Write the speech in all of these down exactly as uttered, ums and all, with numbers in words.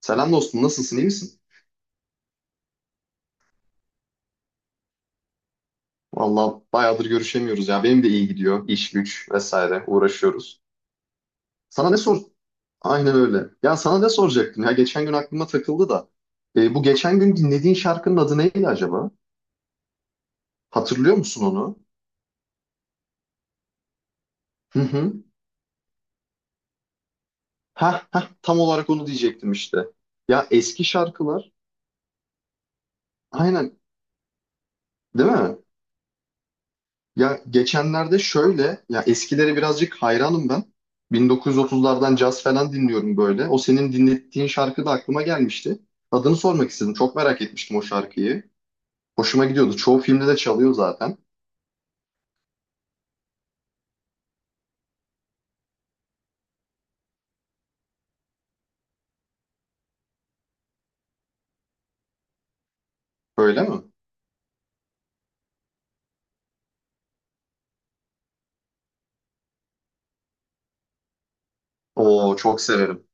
Selam dostum, nasılsın, iyi misin? Vallahi bayağıdır görüşemiyoruz ya. Benim de iyi gidiyor. İş, güç vesaire uğraşıyoruz. Sana ne sor? Aynen öyle. Ya sana ne soracaktım? Ya geçen gün aklıma takıldı da. E, bu geçen gün dinlediğin şarkının adı neydi acaba? Hatırlıyor musun onu? Hı hı. Hah hah tam olarak onu diyecektim işte. Ya eski şarkılar. Aynen. Değil mi? Ya geçenlerde şöyle, ya eskilere birazcık hayranım ben. bin dokuz yüz otuzlardan caz falan dinliyorum böyle. O senin dinlettiğin şarkı da aklıma gelmişti. Adını sormak istedim. Çok merak etmiştim o şarkıyı. Hoşuma gidiyordu. Çoğu filmde de çalıyor zaten. Öyle mi? Oo çok severim.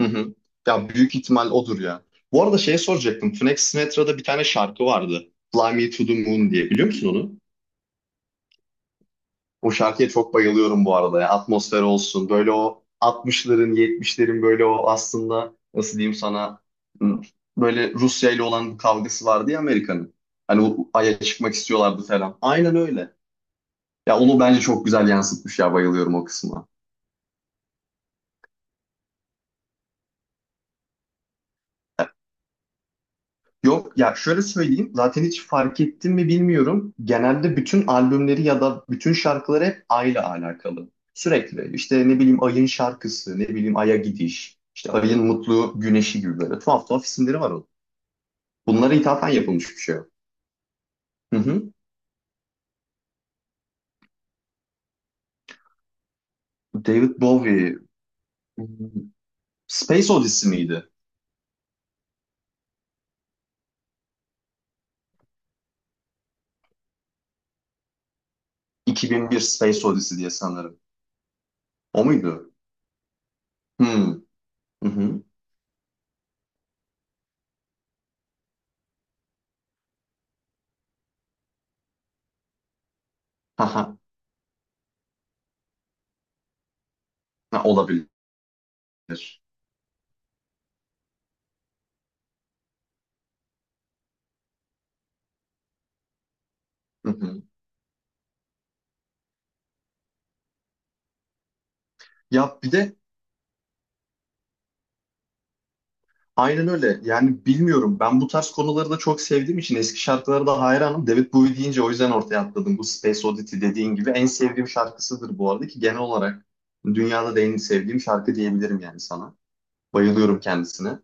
Hı hı. Ya büyük ihtimal odur ya. Bu arada şey soracaktım. Frank Sinatra'da bir tane şarkı vardı. Fly Me to the Moon diye. Biliyor musun onu? O şarkıya çok bayılıyorum bu arada ya. Atmosfer olsun. Böyle o altmışların, yetmişlerin böyle o aslında nasıl diyeyim sana hmm, böyle Rusya ile olan bu kavgası vardı ya Amerika'nın. Hani o Ay'a çıkmak istiyorlardı falan. Aynen öyle. Ya onu bence çok güzel yansıtmış ya bayılıyorum o kısma. Yok ya şöyle söyleyeyim zaten hiç fark ettin mi bilmiyorum. Genelde bütün albümleri ya da bütün şarkıları hep ayla alakalı. Sürekli işte ne bileyim ayın şarkısı, ne bileyim aya gidiş, işte ayın mutlu güneşi gibi böyle tuhaf tuhaf isimleri var onun. Bunlara ithafen yapılmış bir şey. O. Hı hı. David Bowie, hmm, Space Odyssey miydi? iki bin bir Space Odyssey diye sanırım. O muydu? Hmm. Hı hı. Haha. Ha, olabilir. Hı hı. Ya bir de Aynen öyle. Yani bilmiyorum. Ben bu tarz konuları da çok sevdiğim için eski şarkılara da hayranım. David Bowie deyince o yüzden ortaya atladım. Bu Space Oddity dediğin gibi en sevdiğim şarkısıdır bu arada ki genel olarak dünyada da en sevdiğim şarkı diyebilirim yani sana. Bayılıyorum kendisine.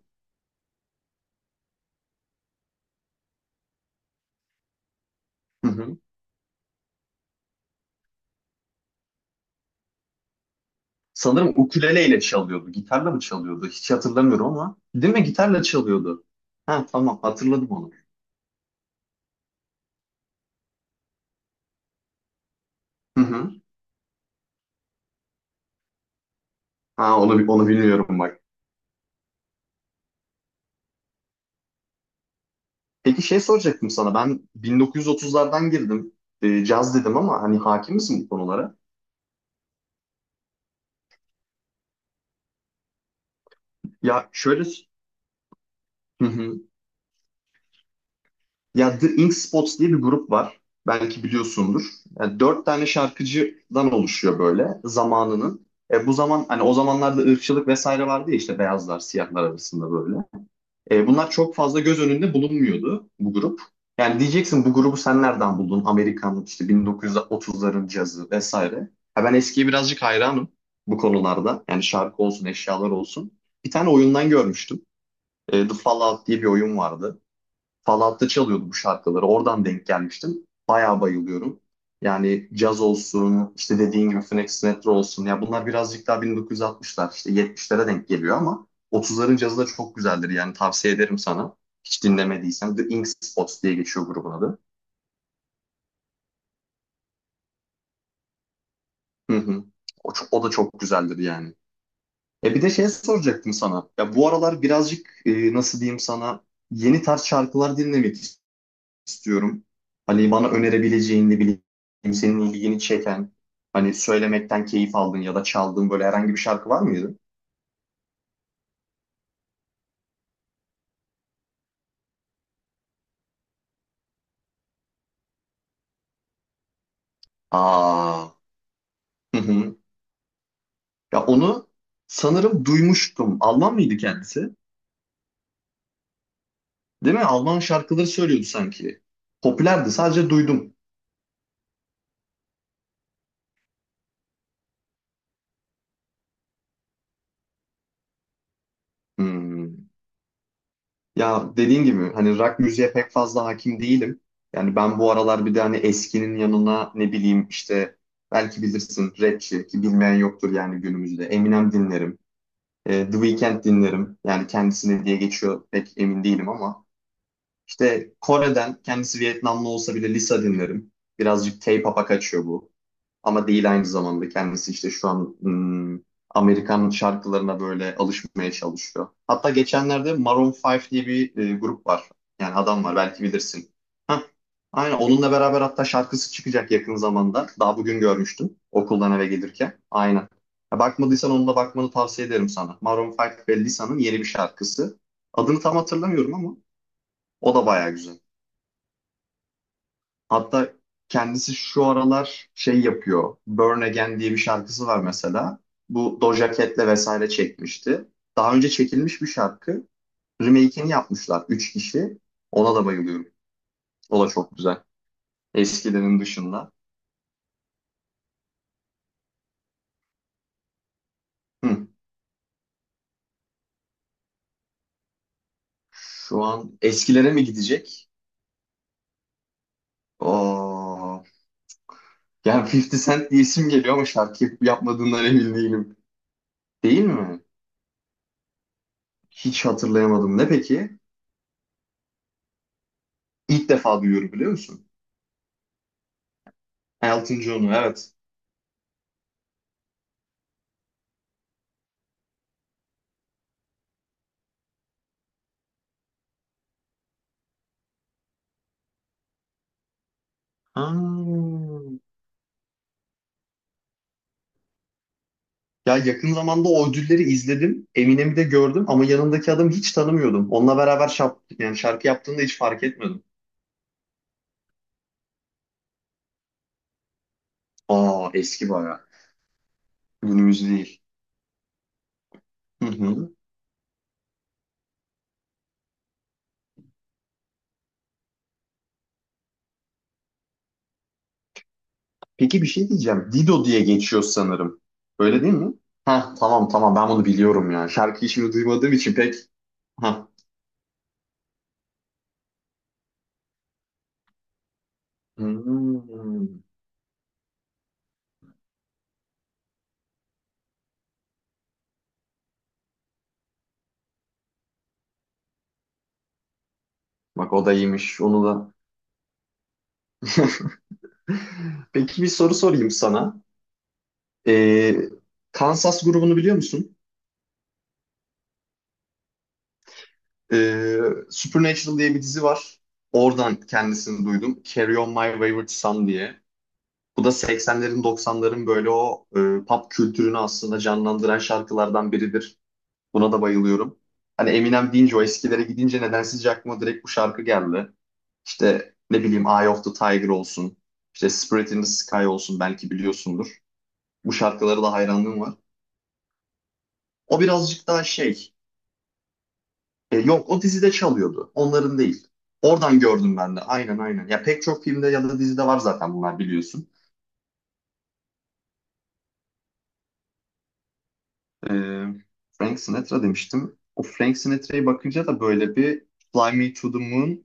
Hı hı. Sanırım ukuleleyle çalıyordu. Gitarla mı çalıyordu? Hiç hatırlamıyorum ama. Değil mi? Gitarla çalıyordu. Ha tamam hatırladım onu. Hı hı. Ha onu, onu bilmiyorum bak. Peki şey soracaktım sana. Ben bin dokuz yüz otuzlardan girdim. E, caz dedim ama hani hakim misin bu konulara? Ya şöyle hı hı. Ya The Ink Spots diye bir grup var. Belki biliyorsundur. Yani dört tane şarkıcıdan oluşuyor böyle zamanının. E, bu zaman hani o zamanlarda ırkçılık vesaire vardı ya işte beyazlar siyahlar arasında böyle. E, bunlar çok fazla göz önünde bulunmuyordu bu grup. Yani diyeceksin bu grubu sen nereden buldun? Amerikanlık işte bin dokuz yüz otuzların cazı vesaire. Ha, ben eskiye birazcık hayranım bu konularda. Yani şarkı olsun, eşyalar olsun. Bir tane oyundan görmüştüm. E, The Fallout diye bir oyun vardı. Fallout'ta çalıyordu bu şarkıları. Oradan denk gelmiştim. Bayağı bayılıyorum. Yani caz olsun, işte dediğin gibi Phoenix Sinatra olsun. Ya bunlar birazcık daha bin dokuz yüz altmışlar, işte yetmişlere denk geliyor ama otuzların cazı da çok güzeldir. Yani tavsiye ederim sana. Hiç dinlemediysen The Ink Spots diye geçiyor grubun adı. Hı hı. O, çok- o da çok güzeldir yani. E bir de şey soracaktım sana. Ya bu aralar birazcık e, nasıl diyeyim sana yeni tarz şarkılar dinlemek istiyorum. Hani bana önerebileceğin ne bileyim senin ilgini çeken hani söylemekten keyif aldığın ya da çaldığın böyle herhangi bir şarkı var mıydı? Aa. Hı hı. Ya onu sanırım duymuştum. Alman mıydı kendisi? Değil mi? Alman şarkıları söylüyordu sanki. Popülerdi sadece duydum. Hmm. Ya dediğin gibi hani rock müziğe pek fazla hakim değilim. Yani ben bu aralar bir de hani eskinin yanına ne bileyim işte belki bilirsin rapçi ki bilmeyen yoktur yani günümüzde. Eminem dinlerim. E, The Weeknd dinlerim. Yani kendisine diye geçiyor pek emin değilim ama. İşte Kore'den kendisi Vietnamlı olsa bile Lisa dinlerim. Birazcık K-pop'a kaçıyor bu. Ama değil aynı zamanda kendisi işte şu an ım, Amerikan şarkılarına böyle alışmaya çalışıyor. Hatta geçenlerde Maroon beş diye bir e, grup var. Yani adam var belki bilirsin. Hah, aynen onunla beraber hatta şarkısı çıkacak yakın zamanda. Daha bugün görmüştüm okuldan eve gelirken. Aynen. Ya bakmadıysan onunla bakmanı tavsiye ederim sana. Maroon beş ve Lisa'nın yeni bir şarkısı. Adını tam hatırlamıyorum ama o da bayağı güzel. Hatta kendisi şu aralar şey yapıyor. Burn Again diye bir şarkısı var mesela. Bu Doja Cat'le vesaire çekmişti. Daha önce çekilmiş bir şarkı. Remake'ini yapmışlar. Üç kişi. Ona da bayılıyorum. O da çok güzel. Eskilerin dışında. Hı. Şu an eskilere mi gidecek? Oo. Yani fifty Cent diye isim geliyor ama şarkı yapıp yapmadığından emin değilim. Değil mi? Hiç hatırlayamadım. Ne peki? İlk defa duyuyorum biliyor musun? Elton John'u evet. Ha. Ya yakın zamanda o ödülleri izledim. Eminem'i de gördüm ama yanındaki adamı hiç tanımıyordum. Onunla beraber şap, yani şarkı yaptığında hiç fark etmedim. Aa eski bayağı. Günümüz değil. Hı hı. Peki bir şey diyeceğim. Dido diye geçiyor sanırım. Öyle değil mi? Ha tamam tamam ben bunu biliyorum ya. Şarkıyı şimdi duymadığım için pek. Ha. Hmm. Bak o da iyiymiş. Onu da. Peki bir soru sorayım sana. Ee, Kansas grubunu biliyor musun? Ee, Supernatural diye bir dizi var. Oradan kendisini duydum. Carry On My Wayward Son diye. Bu da seksenlerin doksanların böyle o e, pop kültürünü aslında canlandıran şarkılardan biridir. Buna da bayılıyorum. Hani Eminem deyince o eskilere gidince nedensizce aklıma direkt bu şarkı geldi. İşte ne bileyim Eye of the Tiger olsun. İşte Spirit in the Sky olsun belki biliyorsundur. Bu şarkılara da hayranlığım var. O birazcık daha şey. E, yok o dizide çalıyordu. Onların değil. Oradan gördüm ben de. Aynen aynen. Ya pek çok filmde ya da dizide var zaten bunlar biliyorsun. E, Frank Sinatra demiştim. O Frank Sinatra'ya bakınca da böyle bir Fly Me to the Moon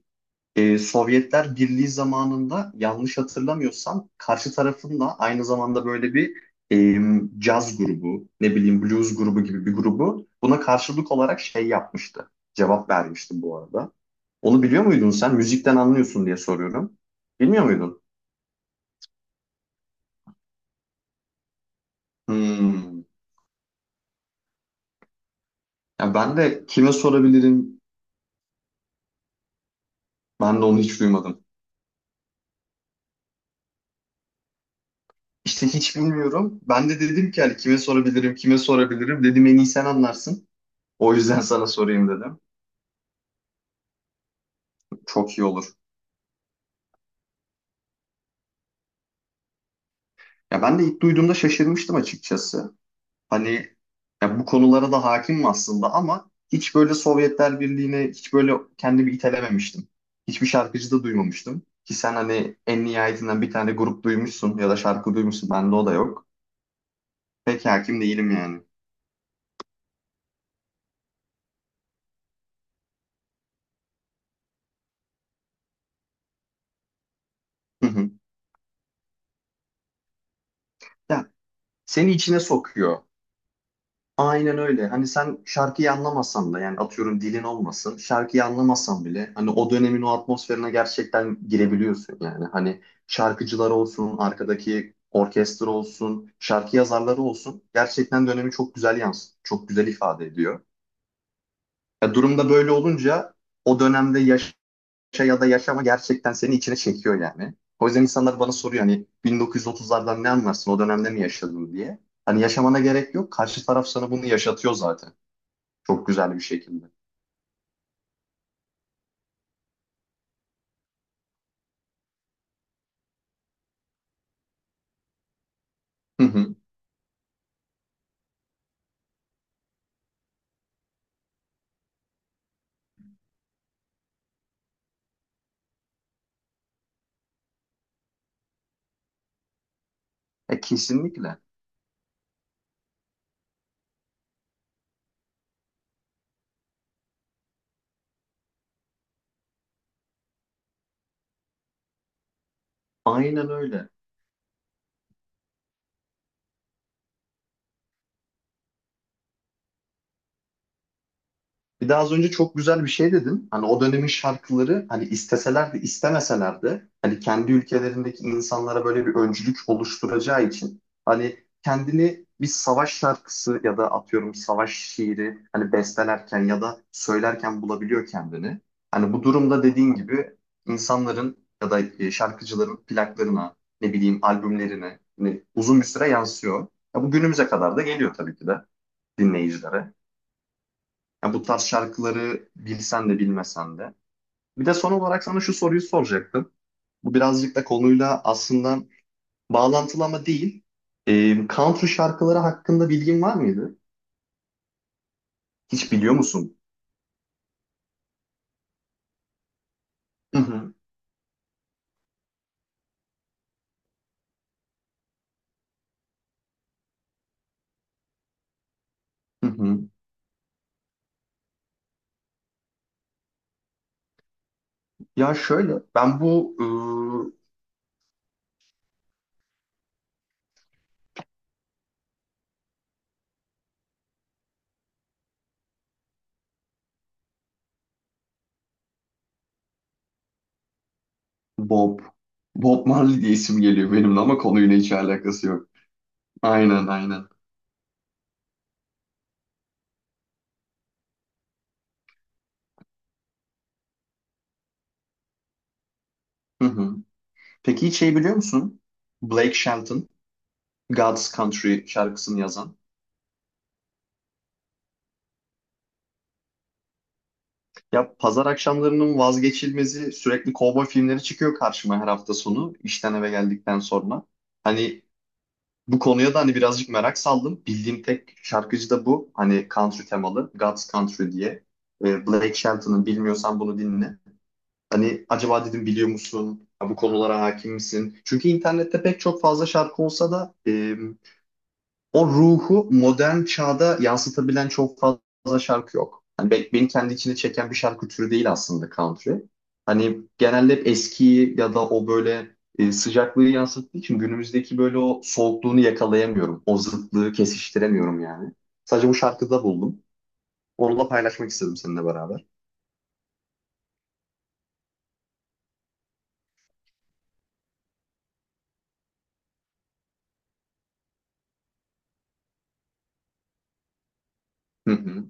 e, Sovyetler Birliği zamanında yanlış hatırlamıyorsam karşı tarafında aynı zamanda böyle bir e, caz grubu, ne bileyim blues grubu gibi bir grubu buna karşılık olarak şey yapmıştı. Cevap vermiştim bu arada. Onu biliyor muydun sen? Müzikten anlıyorsun diye soruyorum. Bilmiyor muydun? Hmm. Ya ben de kime sorabilirim? Ben de onu hiç duymadım. İşte hiç bilmiyorum. Ben de dedim ki hani kime sorabilirim, kime sorabilirim. Dedim en iyi sen anlarsın. O yüzden sana sorayım dedim. Çok iyi olur. Ya ben de ilk duyduğumda şaşırmıştım açıkçası. Hani ya bu konulara da hakimim aslında ama hiç böyle Sovyetler Birliği'ne hiç böyle kendimi itelememiştim. Hiçbir şarkıcı da duymamıştım. Ki sen hani en nihayetinden bir tane grup duymuşsun ya da şarkı duymuşsun. Bende o da yok. Pek hakim değilim yani. Hı hı. Ya seni içine sokuyor. Aynen öyle. Hani sen şarkıyı anlamasan da yani atıyorum dilin olmasın. Şarkıyı anlamasan bile hani o dönemin o atmosferine gerçekten girebiliyorsun yani. Hani şarkıcılar olsun, arkadaki orkestra olsun, şarkı yazarları olsun. Gerçekten dönemi çok güzel yansıtıyor. Çok güzel ifade ediyor. Ya durumda böyle olunca o dönemde yaşa ya da yaşama gerçekten seni içine çekiyor yani. O yüzden insanlar bana soruyor hani bin dokuz yüz otuzlardan ne anlarsın o dönemde mi yaşadın diye. Hani yaşamana gerek yok. Karşı taraf sana bunu yaşatıyor zaten. Çok güzel bir şekilde. Hı hı. E, kesinlikle. Aynen öyle. Bir daha az önce çok güzel bir şey dedin. Hani o dönemin şarkıları hani isteseler de istemeseler de hani kendi ülkelerindeki insanlara böyle bir öncülük oluşturacağı için hani kendini bir savaş şarkısı ya da atıyorum savaş şiiri hani bestelerken ya da söylerken bulabiliyor kendini. Hani bu durumda dediğin gibi insanların ya da e, şarkıcıların plaklarına ne bileyim albümlerine hani uzun bir süre yansıyor. Ya bu günümüze kadar da geliyor tabii ki de dinleyicilere. Yani bu tarz şarkıları bilsen de bilmesen de. Bir de son olarak sana şu soruyu soracaktım. Bu birazcık da konuyla aslında bağlantılı ama değil. Ee, country şarkıları hakkında bilgin var mıydı? Hiç biliyor musun? Hı hı, hı hı. Ya şöyle, ben bu e, Bob, Bob Marley diye isim geliyor benimle ama konuyla hiç alakası yok. Aynen, aynen. Hı hı. Peki hiç şey biliyor musun? Blake Shelton, God's Country şarkısını yazan. Ya pazar akşamlarının vazgeçilmezi sürekli kovboy filmleri çıkıyor karşıma her hafta sonu işten eve geldikten sonra. Hani bu konuya da hani birazcık merak saldım. Bildiğim tek şarkıcı da bu. Hani country temalı. God's Country diye. Ee, Blake Shelton'ın bilmiyorsan bunu dinle. Hani acaba dedim biliyor musun? Ya bu konulara hakim misin? Çünkü internette pek çok fazla şarkı olsa da o ruhu modern çağda yansıtabilen çok fazla şarkı yok. Hani be- beni kendi içine çeken bir şarkı türü değil aslında country. Hani genelde hep eskiyi ya da o böyle e, sıcaklığı yansıttığı için günümüzdeki böyle o soğukluğunu yakalayamıyorum. O zıtlığı kesiştiremiyorum yani. Sadece bu şarkıda buldum. Onu da paylaşmak istedim seninle beraber. Hı hı,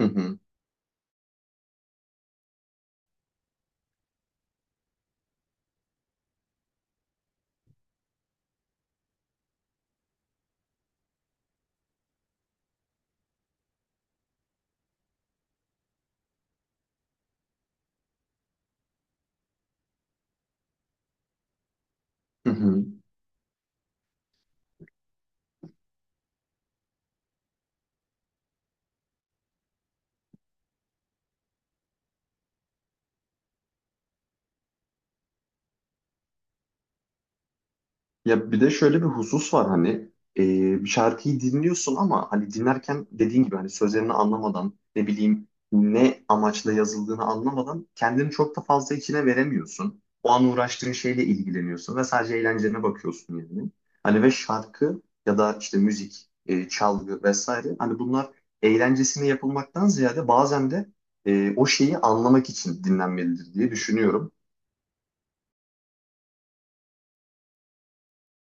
hı hı, hı hı. Ya bir de şöyle bir husus var hani e, bir şarkıyı dinliyorsun ama hani dinlerken dediğin gibi hani sözlerini anlamadan ne bileyim ne amaçla yazıldığını anlamadan kendini çok da fazla içine veremiyorsun. O an uğraştığın şeyle ilgileniyorsun ve sadece eğlencene bakıyorsun yani. Hani ve şarkı ya da işte müzik, e, çalgı vesaire hani bunlar eğlencesine yapılmaktan ziyade bazen de e, o şeyi anlamak için dinlenmelidir diye düşünüyorum.